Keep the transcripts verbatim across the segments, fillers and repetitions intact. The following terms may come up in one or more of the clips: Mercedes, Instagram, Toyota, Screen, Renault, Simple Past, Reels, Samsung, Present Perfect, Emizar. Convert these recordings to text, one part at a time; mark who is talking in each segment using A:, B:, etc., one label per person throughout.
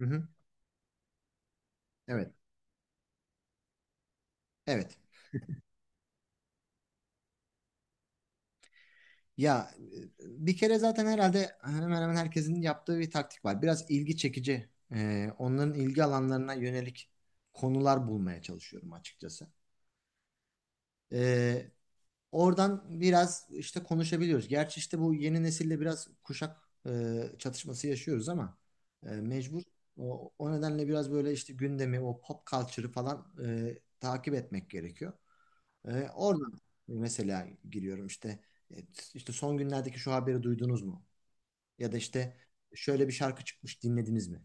A: Hı hı. Evet. Evet. Ya e, bir kere zaten herhalde hemen hemen herkesin yaptığı bir taktik var. Biraz ilgi çekici, e, onların ilgi alanlarına yönelik konular bulmaya çalışıyorum açıkçası. E, Oradan biraz işte konuşabiliyoruz. Gerçi işte bu yeni nesille biraz kuşak e, çatışması yaşıyoruz ama e, mecbur. O, o nedenle biraz böyle işte gündemi, o pop culture'ı falan e, takip etmek gerekiyor. Ee, oradan e, mesela giriyorum işte e, işte son günlerdeki şu haberi duydunuz mu? Ya da işte şöyle bir şarkı çıkmış dinlediniz mi?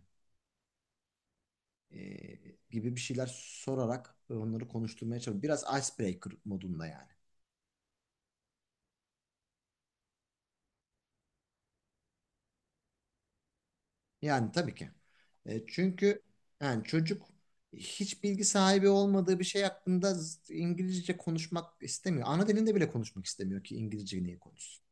A: Ee, Gibi bir şeyler sorarak onları konuşturmaya çalışıyorum. Biraz icebreaker modunda yani. Yani tabii ki. E, çünkü yani çocuk hiç bilgi sahibi olmadığı bir şey hakkında z- İngilizce konuşmak istemiyor. Ana dilinde bile konuşmak istemiyor ki İngilizce niye konuşsun?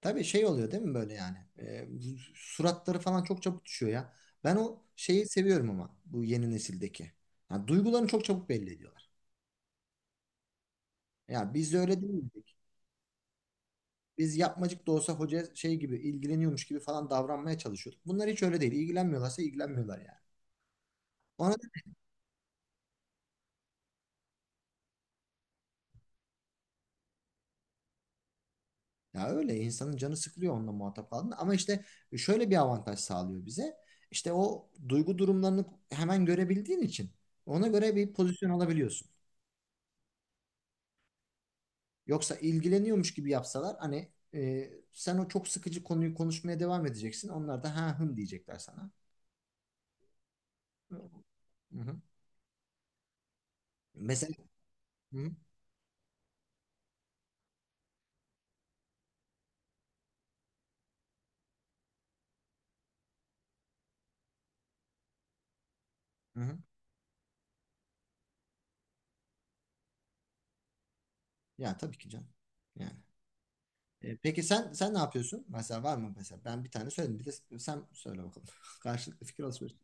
A: Tabii şey oluyor değil mi böyle yani? Ee, suratları falan çok çabuk düşüyor ya. Ben o şeyi seviyorum ama bu yeni nesildeki. Yani duygularını çok çabuk belli ediyorlar. Ya biz de öyle değildik. Biz yapmacık da olsa hoca şey gibi ilgileniyormuş gibi falan davranmaya çalışıyorduk. Bunlar hiç öyle değil. İlgilenmiyorlarsa ilgilenmiyorlar yani. Ona Ya öyle insanın canı sıkılıyor onunla muhatap kaldığında ama işte şöyle bir avantaj sağlıyor bize. İşte o duygu durumlarını hemen görebildiğin için ona göre bir pozisyon alabiliyorsun. Yoksa ilgileniyormuş gibi yapsalar hani e, sen o çok sıkıcı konuyu konuşmaya devam edeceksin. Onlar da ha hım diyecekler sana. Hı-hı. Mesela hı-hı. Hı-hı. Ya tabii ki canım. Yani. E, peki sen sen ne yapıyorsun? Mesela var mı mesela? Ben bir tane söyledim. Bir de sen söyle bakalım. Karşılıklı fikir alışverişi.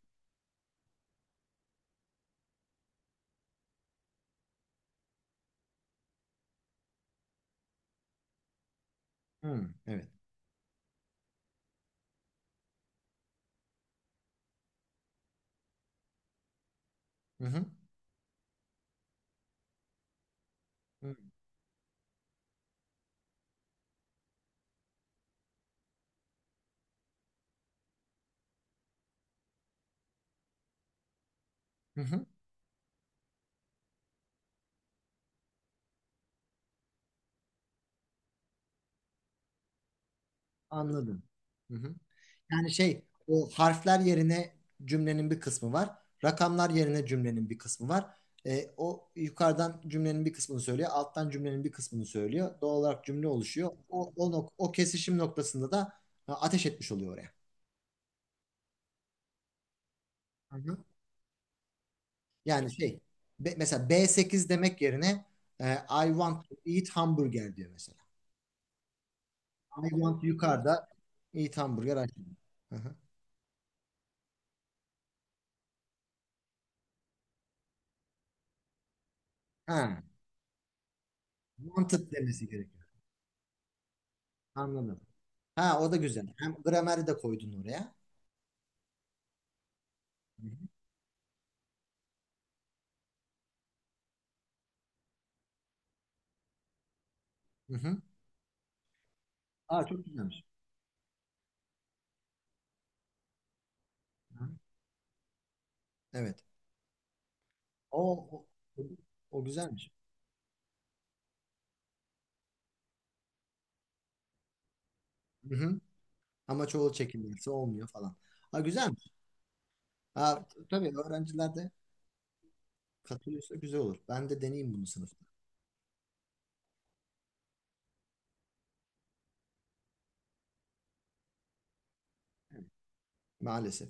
A: Hı, evet. Hı-hı. Hı-hı. Anladım. Hı-hı. Yani şey o harfler yerine cümlenin bir kısmı var. Rakamlar yerine cümlenin bir kısmı var. E, o yukarıdan cümlenin bir kısmını söylüyor. Alttan cümlenin bir kısmını söylüyor. Doğal olarak cümle oluşuyor. O, o, nok- o kesişim noktasında da ha, ateş etmiş oluyor oraya. Hı hı. Yani şey be- mesela B sekiz demek yerine e, I want to eat hamburger diyor mesela. I want yukarıda eat hamburger aşağıda. Hı hı. Ha, wanted demesi gerekiyor. Anladım. Ha, o da güzel. Hem grameri de koydun oraya. Hı hı. Hı hı. Aa, çok güzelmiş. Hı. Evet. O, o, o o güzelmiş. Hı hı. Ama çoğul çekimlerse olmuyor falan. Ha, güzelmiş. Ha, t- tabii öğrenciler de katılıyorsa güzel olur. Ben de deneyeyim bunu sınıfta. Maalesef.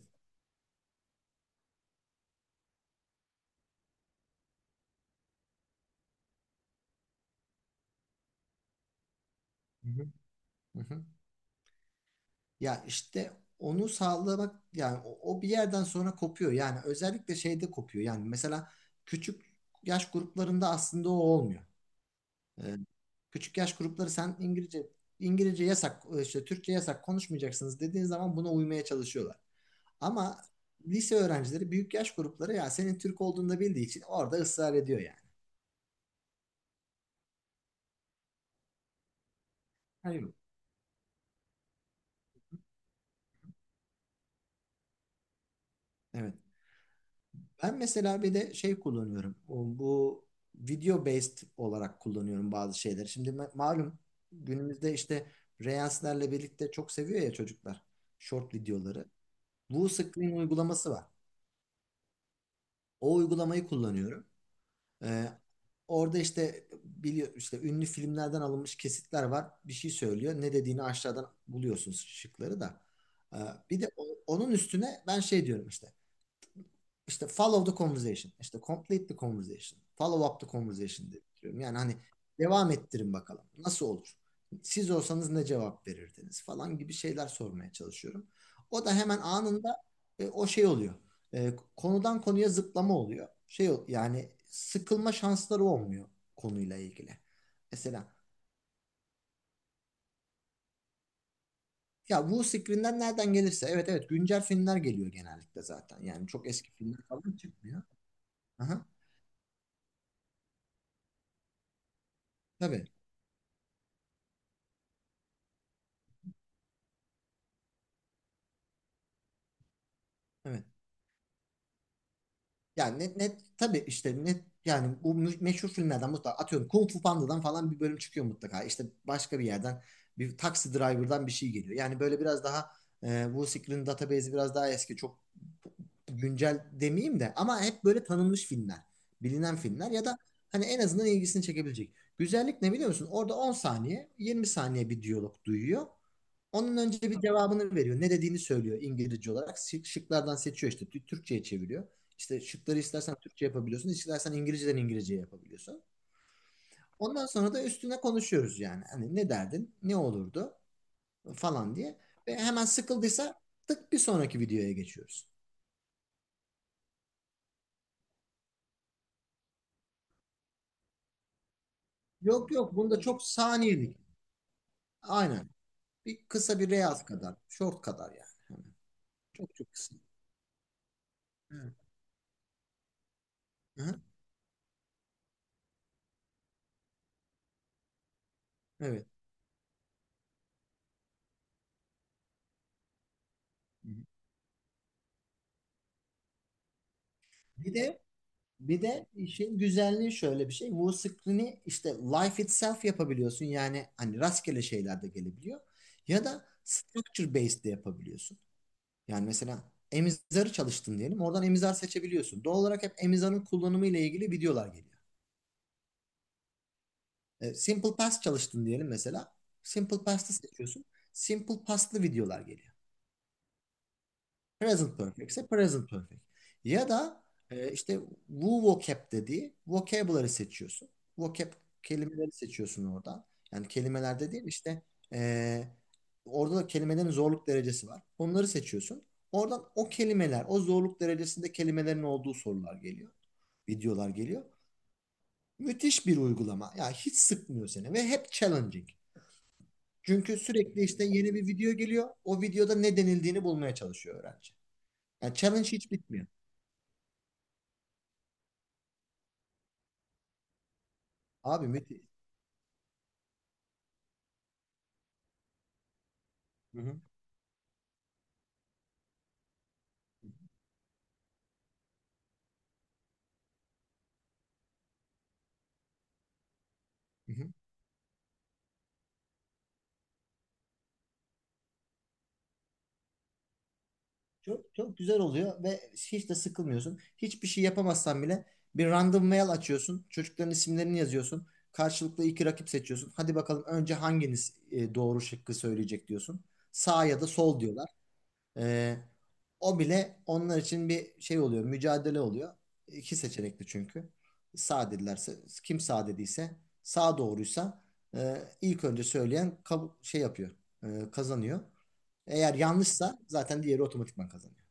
A: Hı hı. Hı hı. Ya işte onu sağlamak yani o, o bir yerden sonra kopuyor. Yani özellikle şeyde kopuyor. Yani mesela küçük yaş gruplarında aslında o olmuyor. Ee, Küçük yaş grupları sen İngilizce İngilizce yasak işte Türkçe yasak konuşmayacaksınız dediğin zaman buna uymaya çalışıyorlar. Ama lise öğrencileri büyük yaş grupları ya senin Türk olduğunu da bildiği için orada ısrar ediyor yani. Hayır. Evet. Ben mesela bir de şey kullanıyorum. O- Bu video based olarak kullanıyorum bazı şeyleri. Şimdi ma- malum günümüzde işte Reels'lerle birlikte çok seviyor ya çocuklar short videoları. Bu Screen uygulaması var. O uygulamayı kullanıyorum. Ee, Orada işte biliyor işte ünlü filmlerden alınmış kesitler var. Bir şey söylüyor. Ne dediğini aşağıdan buluyorsunuz şıkları da. Ee, Bir de o- onun üstüne ben şey diyorum işte işte follow the conversation, işte complete the conversation, follow up the conversation diye bitiriyorum. Yani hani devam ettirin bakalım nasıl olur? Siz olsanız ne cevap verirdiniz falan gibi şeyler sormaya çalışıyorum. O da hemen anında e, o şey oluyor. E, konudan konuya zıplama oluyor. Şey ol- yani sıkılma şansları olmuyor konuyla ilgili. Mesela ya bu screen'den nereden gelirse evet evet güncel filmler geliyor genellikle zaten. Yani çok eski filmler falan çıkmıyor. Aha, tabii. Evet. Yani net, net tabii işte net yani bu mü- meşhur filmlerden mutlaka atıyorum Kung Fu Panda'dan falan bir bölüm çıkıyor mutlaka. İşte başka bir yerden bir taksi driver'dan bir şey geliyor. Yani böyle biraz daha e, bu Secret'in database'i biraz daha eski, çok güncel demeyeyim de ama hep böyle tanınmış filmler, bilinen filmler ya da hani en azından ilgisini çekebilecek. Güzellik ne biliyor musun? Orada on saniye, yirmi saniye bir diyalog duyuyor. Onun önce bir cevabını veriyor. Ne dediğini söylüyor İngilizce olarak. Şık- Şıklardan seçiyor işte. Türkçe'ye çeviriyor. İşte şıkları istersen Türkçe yapabiliyorsun, istersen İngilizceden İngilizceye yapabiliyorsun. Ondan sonra da üstüne konuşuyoruz yani. Hani ne derdin? Ne olurdu? Falan diye. Ve hemen sıkıldıysa tık bir sonraki videoya geçiyoruz. Yok yok, bunda çok saniyelik. Aynen. Bir kısa bir reels kadar. Short kadar yani. Çok çok kısa. Hı hı. Evet. Hı hı. Bir de Bir de işin güzelliği şöyle bir şey. Musical'ini işte life itself yapabiliyorsun. Yani hani rastgele şeyler de gelebiliyor. Ya da structure based de yapabiliyorsun. Yani mesela Emizar'ı çalıştın diyelim. Oradan Emizar seçebiliyorsun. Doğal olarak hep Emizar'ın kullanımı ile ilgili videolar geliyor. E, Simple Past çalıştın diyelim mesela. Simple Past'ı seçiyorsun. Simple Past'lı videolar geliyor. Present perfect ise present perfect. Ya da e, işte Wu vocab dediği vocabulary seçiyorsun. Vocab kelimeleri seçiyorsun oradan. Yani kelimelerde değil işte e, orada da kelimelerin zorluk derecesi var. Onları seçiyorsun. Oradan o kelimeler, o zorluk derecesinde kelimelerin olduğu sorular geliyor. Videolar geliyor. Müthiş bir uygulama. Ya hiç sıkmıyor seni ve hep challenging. Çünkü sürekli işte yeni bir video geliyor. O videoda ne denildiğini bulmaya çalışıyor öğrenci. Yani challenge hiç bitmiyor. Abi müthiş. Hı hı. Hı hı. Çok, çok güzel oluyor ve hiç de sıkılmıyorsun. Hiçbir şey yapamazsan bile bir random mail açıyorsun. Çocukların isimlerini yazıyorsun. Karşılıklı iki rakip seçiyorsun. Hadi bakalım önce hanginiz e, doğru şıkkı söyleyecek diyorsun. Sağ ya da sol diyorlar. E, O bile onlar için bir şey oluyor. Mücadele oluyor. İki seçenekli çünkü. Sağ dedilerse kim sağ dediyse sağ doğruysa e, ilk önce söyleyen kab- şey yapıyor. E, kazanıyor. Eğer yanlışsa zaten diğeri otomatikman kazanır.